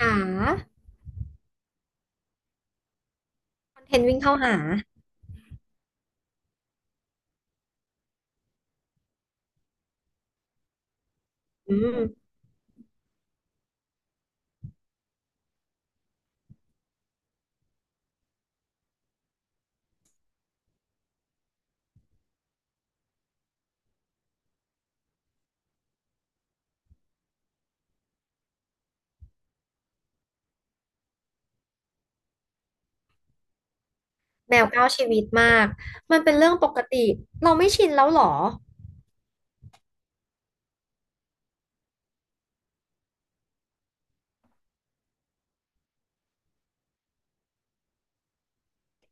หาคอนเทนต์วิ่งเข้าหาแมวเก้าชีวิตมากมันเป็นเรื่องปกติเราไม่ชินแล้วหรอ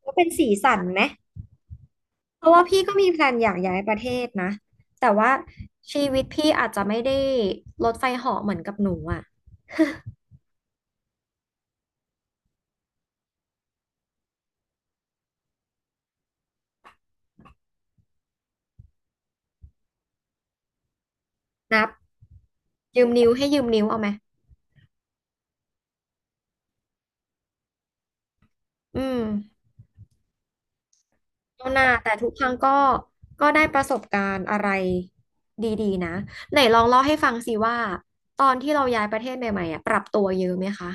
ก็เป็นสีสันไหมเพราะว่าพี่ก็มีแพลนอยากย้ายประเทศนะแต่ว่าชีวิตพี่อาจจะไม่ได้รถไฟเหาะเหมือนกับหนูอ่ะนับยืมนิ้วให้ยืมนิ้วเอาไหม อืมเอาหน้าแต่ทุกครั้งก็ก็ได้ประสบการณ์อะไรดีๆนะไหนลองเล่าให้ฟังสิว่าตอนที่เราย้ายประเทศใหม่ๆอ่ะปรับตัวเยอะไหมคะ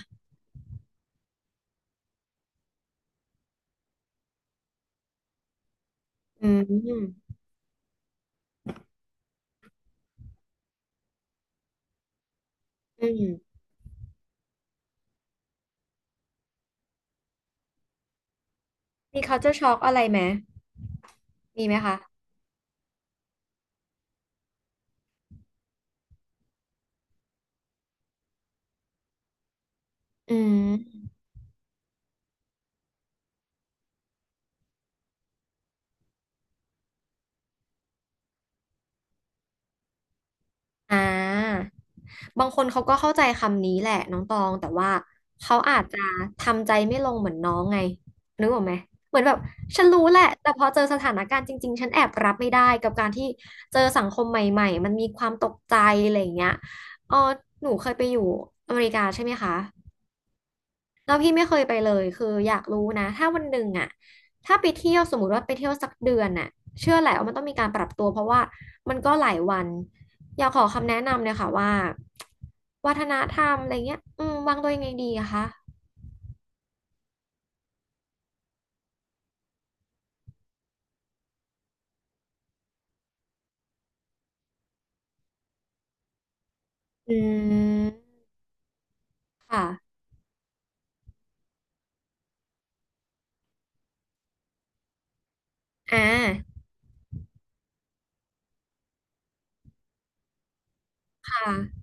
อืมอืม มี culture shock อะไรไหมมีไหมคะอืมอ่าบางคนเขาก็เข้าใจคำนี้แหละน้องตอง แต่ว่าเขาอาจจะทำใจไม่ลงเหมือนน้องไงนึกออกไหม เหมือนแบบฉันรู้แหละ แต่พอเจอสถานการณ์จริงๆ ฉันแอบรับไม่ได้กับการที่เจอสังคมใหม่ๆ มันมีความตกใจอะไรอย่างเงี้ยเออหนูเคยไปอยู่อเมริกาใช่ไหมคะ แล้วพี่ไม่เคยไปเลยคืออยากรู้นะถ้าวันหนึ่งอ่ะ ถ้าไปเที่ยวสมมติว่าไปเที่ยวสักเดือนน่ะเชื่อแหละว่ามันต้องมีการปรับตัวเพราะว่ามันก็หลายวันอยากขอคำแนะนำเลยค่ะว่าวัฒนธรรมอะไรเงี้ยอืมวางตัวยังไงดีอะคะอืมค่ะอ่าค่ะ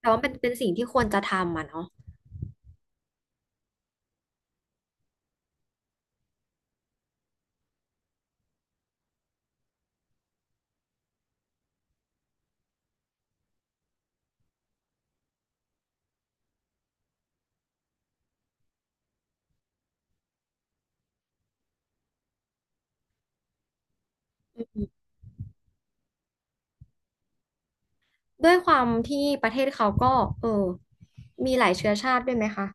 แต่ว่าเป็นเป็นสิ่งที่ควรจะทำอ่ะเนาะอืมด้วยความที่ประเทศเขาก็เออมีหลายเชื้อชาติด้วยไหมคะ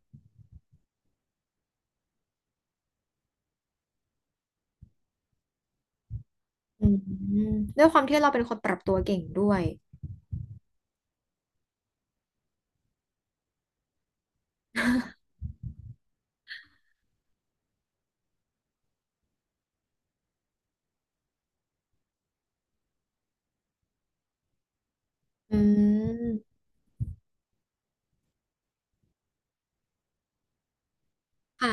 อืมด้วยความที่เราเป็นคนปรับตัวเก่งด้วยอืม ค่ะ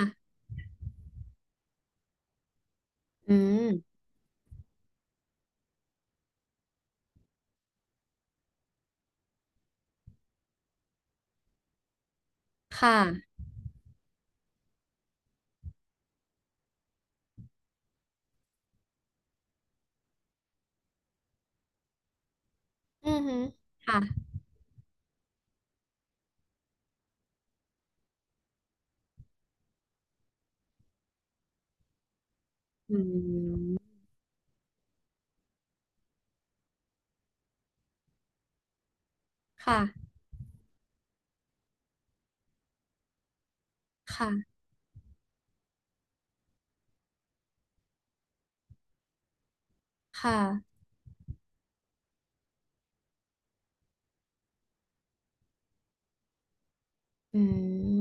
อืมค่ะอือหือค่ะอืม ค่ะ ค่ะ ค่ะอืม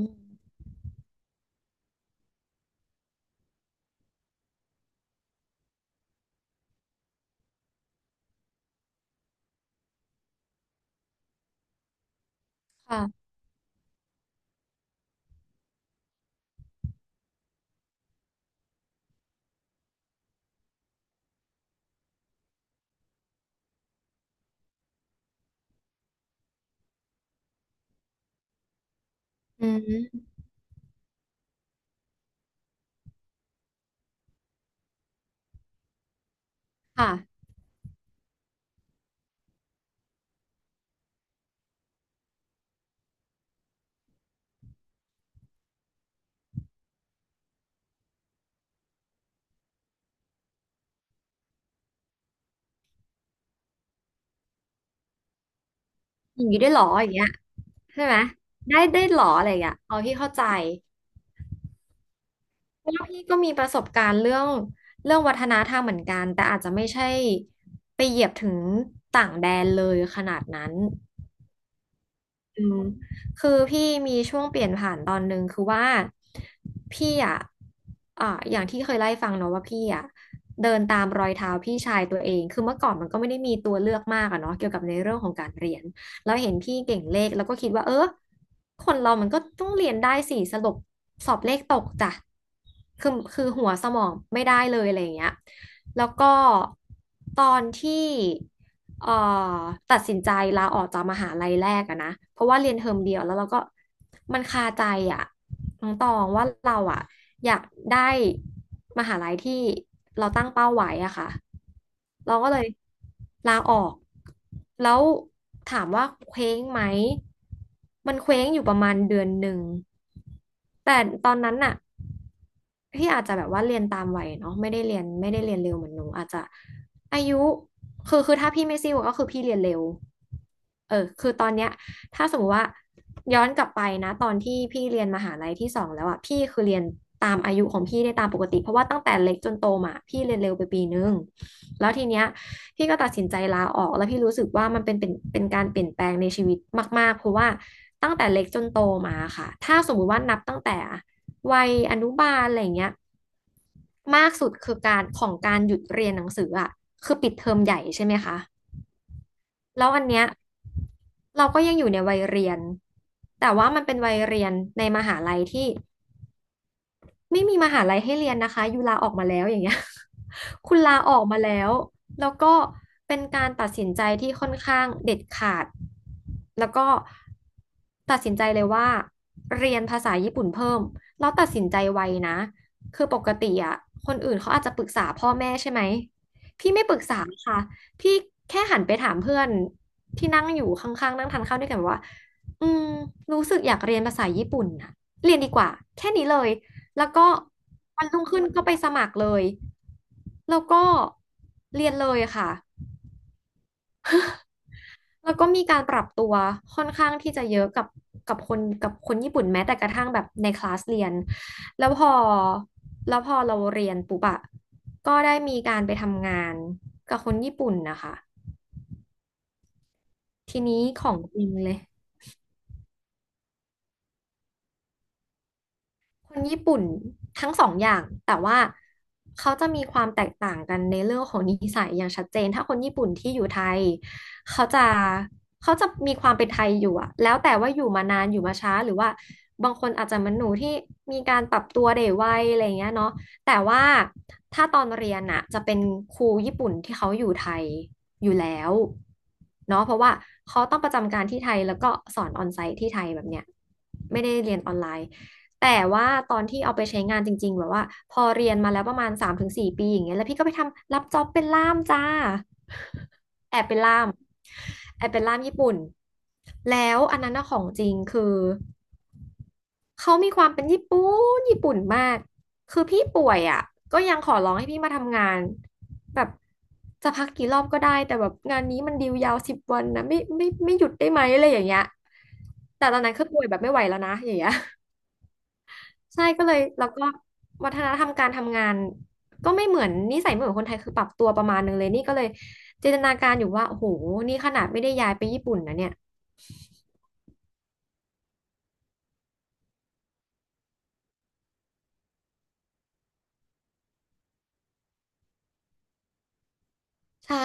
ค่ะอืมค่ะอย่างนี้ได้หรออย่างเงี้ยใช่ไหม ได้ได้หรออะไรอย่างเงี้ยอ๋อพี่เข้าใจเพราะว่าพี่ก็มีประสบการณ์เรื่องเรื่องวัฒนธรรมเหมือนกัน แต่อาจจะไม่ใช่ไปเหยียบถึงต่างแดนเลยขนาดนั้น อืมคือพี่มีช่วงเปลี่ยนผ่านตอนหนึ่งคือว่าพี่อ่ะอ่าอย่างที่เคยไล่ฟังเนาะว่าพี่อ่ะเดินตามรอยเท้าพี่ชายตัวเองคือเมื่อก่อนมันก็ไม่ได้มีตัวเลือกมากอะเนาะเกี่ยวกับในเรื่องของการเรียน เราเห็นพี่เก่งเลขแล้วก็คิดว่าเออคนเรามันก็ต้องเรียนได้ส่สรุปสอบเลขตกจ้ะคือหัวสมองไม่ได้เลยอะไรอย่างเงี้ยแล้วก็ตอนที่เอ่อตัดสินใจลาออกจากมหาลัยแรกอะนะเพราะว่าเรียนเทอมเดียวแล้วเราก็มันคาใจอะน้องตองว่าเราอะอยากได้มหาลัยที่เราตั้งเป้าไว้อะค่ะเราก็เลยลาออก แล้วถามว่าเคว้งไหมมันเคว้งอยู่ประมาณเดือนหนึ่งแต่ตอนนั้นน่ะพี่อาจจะแบบว่าเรียนตามวัยเนาะไม่ได้เรียนไม่ได้เรียนเร็วเหมือนหนูอาจจะอายุคือถ้าพี่ไม่ซิ่วก็คือพี่เรียนเร็วเออคือตอนเนี้ยถ้าสมมติว่าย้อนกลับไปนะตอนที่พี่เรียนมหาลัยที่สองแล้วอ่ะพี่คือเรียนตามอายุของพี่ได้ตามปกติเพราะว่าตั้งแต่เล็กจนโตมาพี่เรียนเร็วไปปีนึง แล้วทีเนี้ยพี่ก็ตัดสินใจลาออกแล้วพี่รู้สึกว่ามันเป็นการเปลี่ยนแปลงในชีวิตมากๆเพราะว่าตั้งแต่เล็กจนโตมาค่ะถ้าสมมุติว่านับตั้งแต่วัยอนุบาลอะไรอย่างเงี้ยมากสุดคือการของการหยุดเรียนหนังสืออ่ะคือปิดเทอมใหญ่ใช่ไหมคะแล้วอันเนี้ยเราก็ยังอยู่ในวัยเรียนแต่ว่ามันเป็นวัยเรียนในมหาลัยที่ ไม่มีมหาลัยให้เรียนนะคะยูลาออกมาแล้วอย่างเงี้ย คุณลาออกมาแล้วแล้วก็เป็นการตัดสินใจที่ค่อนข้างเด็ดขาดแล้วก็ตัดสินใจเลยว่าเรียนภาษาญี่ปุ่นเพิ่มแล้วตัดสินใจไวนะคือปกติอ่ะคนอื่นเขาอาจจะปรึกษาพ่อแม่ใช่ไหมพี่ไม่ปรึกษาค่ะพี่แค่หันไปถามเพื่อนที่นั่งอยู่ข้างๆนั่งทานข้าวด้วยกันว่าอืมรู้สึกอยากเรียนภาษาญี่ปุ่นน่ะเรียนดีกว่าแค่นี้เลย แล้วก็วันรุ่งขึ้นก็ไปสมัครเลยแล้วก็เรียนเลยค่ะ แล้วก็มีการปรับตัวค่อนข้างที่จะเยอะกับกับคนกับคนญี่ปุ่นแม้แต่กระทั่งแบบในคลาสเรียนแล้วพอแล้วพอเราเรียนปุ๊บอะก็ได้มีการไปทำงานกับคนญี่ปุ่นนะคะทีนี้ของจริงเลย คนญี่ปุ่นทั้งสองอย่างแต่ว่าเขาจะมีความแตกต่างกันในเรื่องของนิสัยอย่างชัดเจนถ้าคนญี่ปุ่นที่อยู่ไทยเขาจะเขาจะมีความเป็นไทยอยู่อะแล้วแต่ว่าอยู่มานานอยู่มาช้าหรือว่าบางคนอาจจะเหมันหนูที่มีการปรับตัวได้ไวอะไรอย่างเงี้ยเนาะแต่ว่าถ้าตอนเรียนอะจะเป็นครูญี่ปุ่นที่เขาอยู่ไทยอยู่แล้วเนาะเพราะว่าเขาต้องประจำการที่ไทยแล้วก็สอนออนไซต์ที่ไทยแบบเนี้ยไม่ได้เรียนออนไลน์ แต่ว่าตอนที่เอาไปใช้งานจริงๆแบบว่าพอเรียนมาแล้วประมาณ3 ถึง 4 ปีอย่างเงี้ยแล้วพี่ก็ไปทำรับจ็อบเป็นล่ามจ้าแอบเป็นล่ามแอบเป็นล่ามญี่ปุ่นแล้วอันนั้นนะของจริงคือเขามีความเป็นญี่ปุ่นมากคือพี่ป่วยอ่ะก็ยังขอร้องให้พี่มาทำงานแบบจะพักกี่รอบก็ได้แต่แบบงานนี้มันดีลยาว10 วันนะไม่หยุดได้ไหมอะไรอย่างเงี้ยแต่ตอนนั้นคือป่วยแบบไม่ไหวแล้วนะอย่างเงี้ย ใช่ก็เลยแล้วก็วัฒนธรรมการทำงานก็ไม่เหมือนนิสัยไม่เหมือนคนไทยคือปรับตัวประมาณนึงเลยนี่ก็เลยจินตนาการอยู่ว่าโอ้โหนี่ขนาดไม่ได้ย้ายไปญี่ปุ่นนะเนี่ยใช่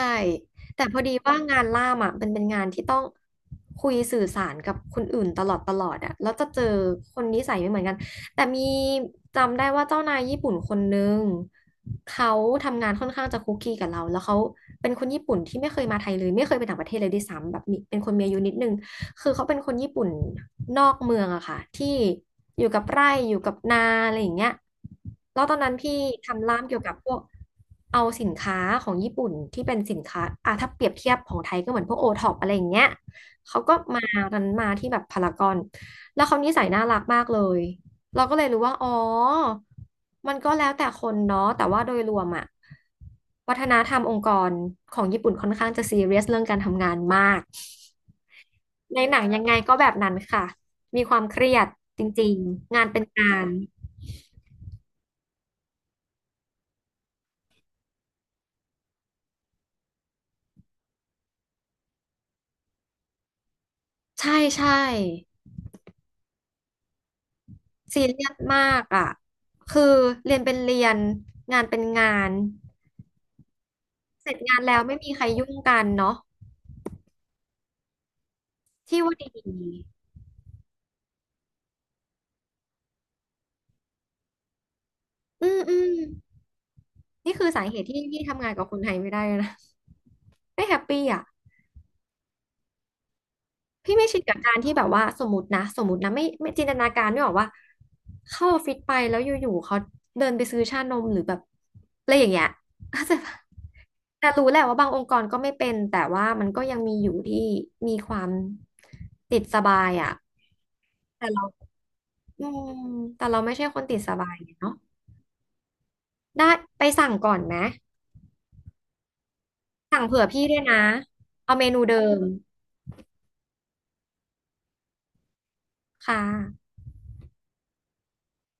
แต่พอดีว่างานล่ามอ่ะมันเป็นงานที่ต้องคุยสื่อสารกับคนอื่นตลอดอ่ะแล้วจะเจอคนนิสัยไม่เหมือนกันแต่มีจำได้ว่าเจ้านายญี่ปุ่นคนนึงเขาทำงานค่อนข้างจะคุกกีกับเราแล้วเขาเป็นคนญี่ปุ่นที่ไม่เคยมาไทยเลยไม่เคยไปต่างประเทศเลยด้วยซ้ำแบบมีเป็นคนมีอายุนิดนึง คือเขาเป็นคนญี่ปุ่นนอกเมืองอะค่ะที่อยู่กับไร่อยู่กับนาอะไรอย่างเงี้ยแล้วตอนนั้นพี่ทำร้านเกี่ยวกับพวกเอาสินค้าของญี่ปุ่นที่เป็นสินค้าอ่ะถ้าเปรียบเทียบของไทยก็เหมือนพวกโอท็อปอะไรอย่างเงี้ยเขาก็มารันมาที่แบบพารากอนแล้วเขานิสัยน่ารักมากเลยเราก็เลยรู้ว่าอ๋อมันก็แล้วแต่คนเนาะแต่ว่าโดยรวมอะวัฒนธรรมองค์กรของญี่ปุ่นค่อนข้างจะซีเรียสเรื่องการทำงานมาก ในหนังยังไงก็แบบนั้นค่ะมีความเครียดจริงๆงานเป็นงานใช่ใช่ซีเรียสมากอ่ะคือเรียนเป็นเรียนงานเป็นงานเสร็จงานแล้วไม่มีใครยุ่งกันเนาะที่ว่าดีอืมอืมนี่คือสาเหตุที่พี่ทำงานกับคนไทยไม่ได้เลยนะไม่แฮปปี้อ่ะ พี่ไม่ชินกับการที่แบบว่าสมมตินะไม่จินตนาการไม่ออกว่าเข้าออฟฟิศไปแล้วอยู่ๆเขาเดินไปซื้อชานมหรือแบบอะไรอย่างเงี้ย เข้าใจปะแต่รู้แหละว่าบางองค์กรก็ไม่เป็นแต่ว่ามันก็ยังมีอยู่ที่มีความติดสบายอ่ะแต่เราอืมแต่เราไม่ใช่คนติดสบายเนาะได้ไปสั่งก่อนไหมสั่งเผื่อพี่ด้วยนะเอาเมนูเดิมค่ะ